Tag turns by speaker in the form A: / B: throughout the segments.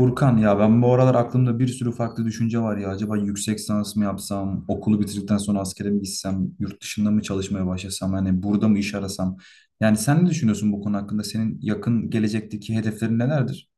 A: Furkan ya ben bu aralar aklımda bir sürü farklı düşünce var ya. Acaba yüksek lisans mı yapsam, okulu bitirdikten sonra askere mi gitsem, yurt dışında mı çalışmaya başlasam, hani burada mı iş arasam? Yani sen ne düşünüyorsun bu konu hakkında? Senin yakın gelecekteki hedeflerin nelerdir?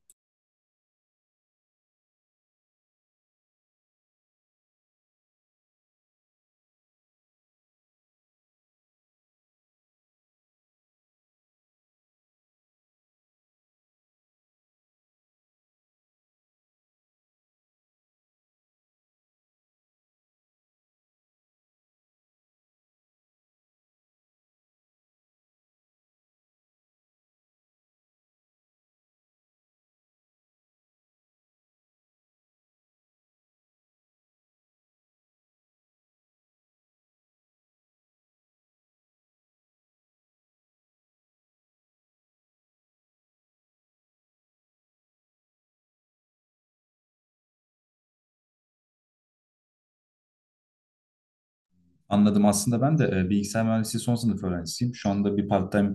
A: Anladım. Aslında ben de bilgisayar mühendisliği son sınıf öğrencisiyim. Şu anda bir part-time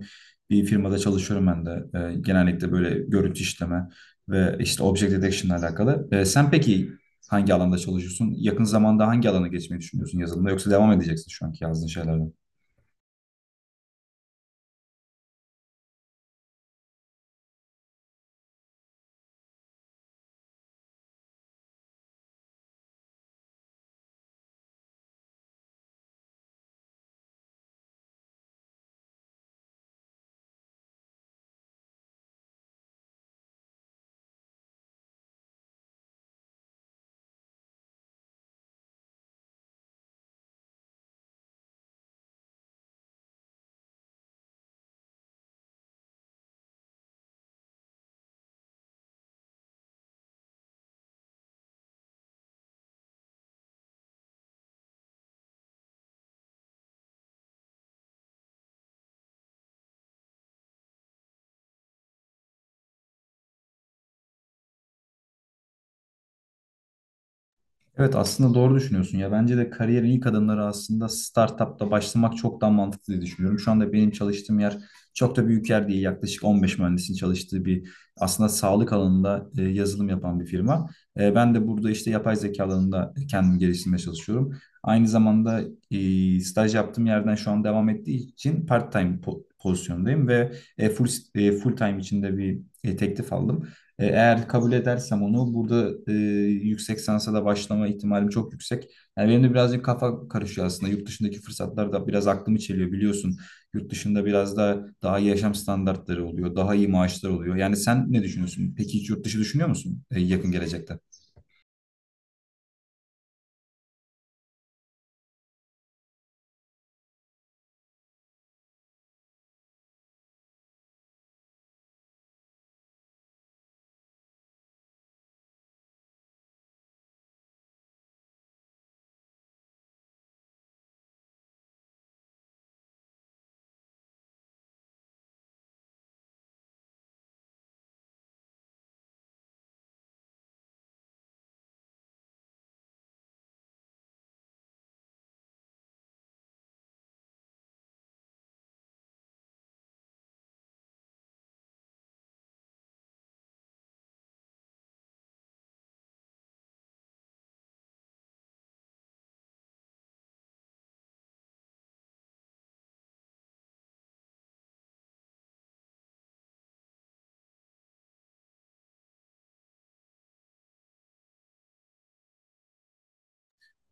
A: bir firmada çalışıyorum ben de. Genellikle böyle görüntü işleme ve işte object detection ile alakalı. Sen peki hangi alanda çalışıyorsun? Yakın zamanda hangi alana geçmeyi düşünüyorsun yazılımda? Yoksa devam edeceksin şu anki yazdığın şeylerden? Evet, aslında doğru düşünüyorsun ya. Bence de kariyerin ilk adımları aslında startupta başlamak çok daha mantıklı diye düşünüyorum. Şu anda benim çalıştığım yer çok da büyük yer değil. Yaklaşık 15 mühendisin çalıştığı bir, aslında sağlık alanında yazılım yapan bir firma. Ben de burada işte yapay zeka alanında kendimi geliştirmeye çalışıyorum. Aynı zamanda staj yaptığım yerden şu an devam ettiği için part-time pozisyondayım ve e, full full time içinde bir teklif aldım. Eğer kabul edersem onu burada yüksek sansa da başlama ihtimalim çok yüksek. Yani benim de birazcık kafa karışıyor aslında. Yurt dışındaki fırsatlar da biraz aklımı çeliyor biliyorsun. Yurt dışında biraz da daha iyi yaşam standartları oluyor, daha iyi maaşlar oluyor. Yani sen ne düşünüyorsun? Peki hiç yurt dışı düşünüyor musun yakın gelecekte?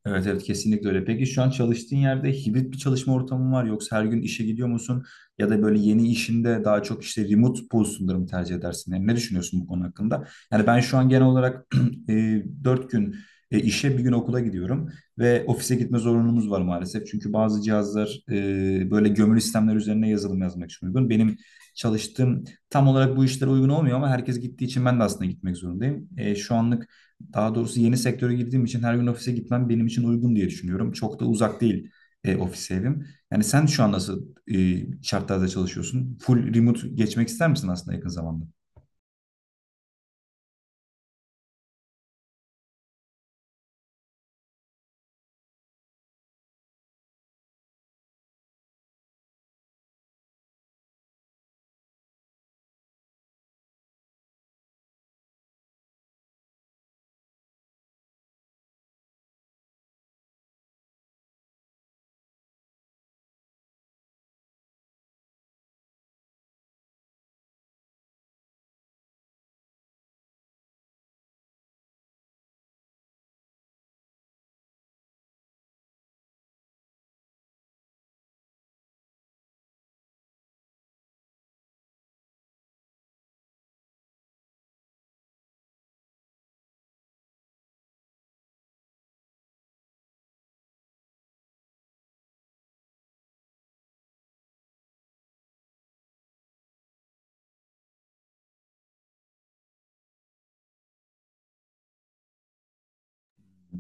A: Evet, evet, kesinlikle öyle. Peki şu an çalıştığın yerde hibrit bir çalışma ortamı var yoksa her gün işe gidiyor musun? Ya da böyle yeni işinde daha çok işte remote pozisyonları mı tercih edersin? Yani ne düşünüyorsun bu konu hakkında? Yani ben şu an genel olarak 4 gün işe, bir gün okula gidiyorum ve ofise gitme zorunluluğumuz var maalesef. Çünkü bazı cihazlar böyle gömülü sistemler üzerine yazılım yazmak için uygun. Benim çalıştığım tam olarak bu işlere uygun olmuyor ama herkes gittiği için ben de aslında gitmek zorundayım. Şu anlık, daha doğrusu yeni sektöre girdiğim için, her gün ofise gitmem benim için uygun diye düşünüyorum. Çok da uzak değil ofis evim. Yani sen şu an nasıl şartlarda çalışıyorsun? Full remote geçmek ister misin aslında yakın zamanda?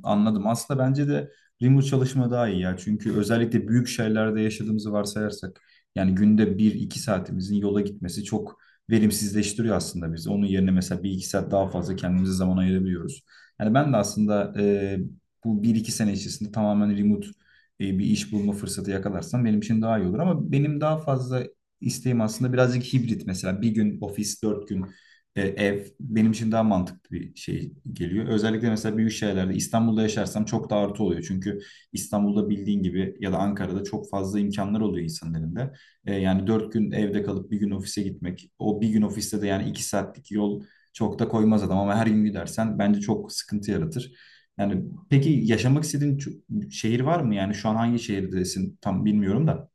A: Anladım. Aslında bence de remote çalışma daha iyi ya. Çünkü özellikle büyük şehirlerde yaşadığımızı varsayarsak yani günde bir iki saatimizin yola gitmesi çok verimsizleştiriyor aslında bizi. Onun yerine mesela bir iki saat daha fazla kendimize zaman ayırabiliyoruz. Yani ben de aslında bu bir iki sene içerisinde tamamen remote bir iş bulma fırsatı yakalarsam benim için daha iyi olur. Ama benim daha fazla isteğim aslında birazcık hibrit mesela. Bir gün ofis, dört gün ev benim için daha mantıklı bir şey geliyor. Özellikle mesela büyük şehirlerde, İstanbul'da yaşarsam, çok da artı oluyor. Çünkü İstanbul'da bildiğin gibi ya da Ankara'da çok fazla imkanlar oluyor insanların elinde. Yani dört gün evde kalıp bir gün ofise gitmek. O bir gün ofiste de yani iki saatlik yol çok da koymaz adam ama her gün gidersen bence çok sıkıntı yaratır. Yani peki yaşamak istediğin şehir var mı? Yani şu an hangi şehirdesin tam bilmiyorum da.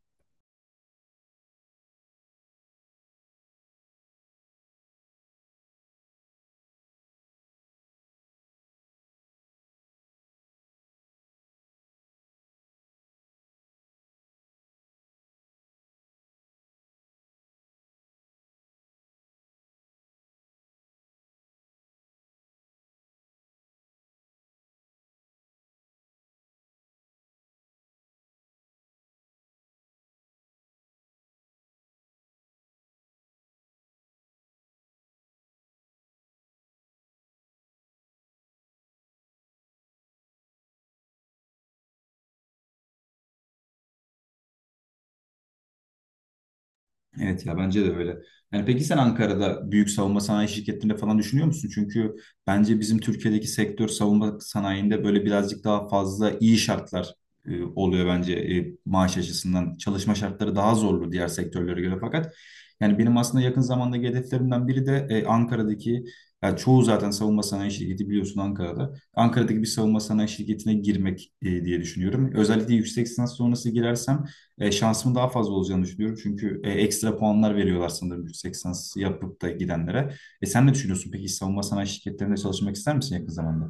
A: Evet ya, bence de öyle. Yani peki sen Ankara'da büyük savunma sanayi şirketlerinde falan düşünüyor musun? Çünkü bence bizim Türkiye'deki sektör, savunma sanayinde böyle birazcık daha fazla iyi şartlar oluyor bence, maaş açısından. Çalışma şartları daha zorlu diğer sektörlere göre fakat yani benim aslında yakın zamandaki hedeflerimden biri de Ankara'daki, yani çoğu zaten savunma sanayi şirketi biliyorsun Ankara'da. Ankara'daki bir savunma sanayi şirketine girmek diye düşünüyorum. Özellikle yüksek lisans sonrası girersem şansımın daha fazla olacağını düşünüyorum. Çünkü ekstra puanlar veriyorlar sanırım yüksek lisans yapıp da gidenlere. Sen ne düşünüyorsun? Peki savunma sanayi şirketlerinde çalışmak ister misin yakın zamanda?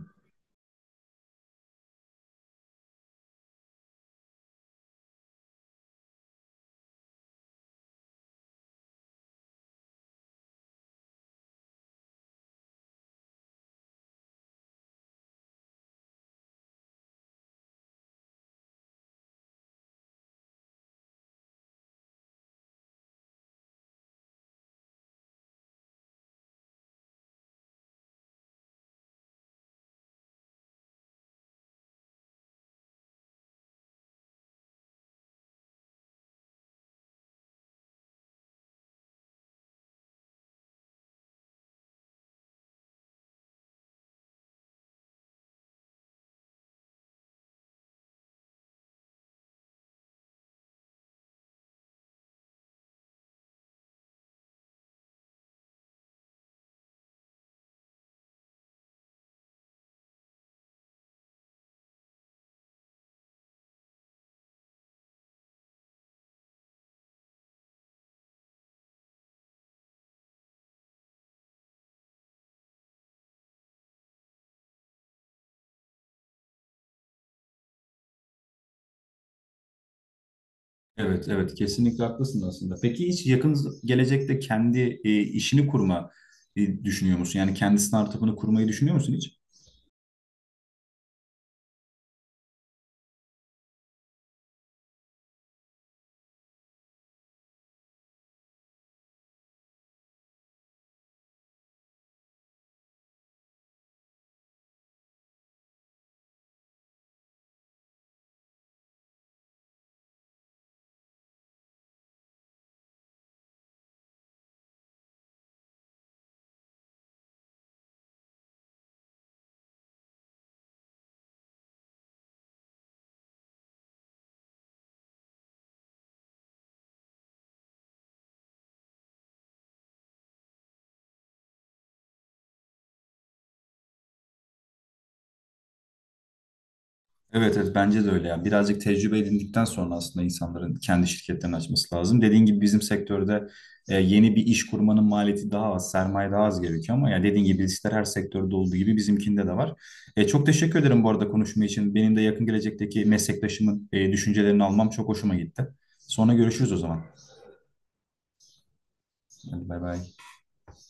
A: Evet, evet, kesinlikle haklısın aslında. Peki hiç yakın gelecekte kendi işini kurma düşünüyor musun? Yani kendi startup'ını kurmayı düşünüyor musun hiç? Evet, evet, bence de öyle ya. Birazcık tecrübe edindikten sonra aslında insanların kendi şirketlerini açması lazım. Dediğin gibi bizim sektörde yeni bir iş kurmanın maliyeti daha az, sermaye daha az gerekiyor ama ya dediğin gibi riskler her sektörde olduğu gibi bizimkinde de var. Çok teşekkür ederim bu arada konuşma için. Benim de yakın gelecekteki meslektaşımın düşüncelerini almam çok hoşuma gitti. Sonra görüşürüz o zaman. Hadi bay bay.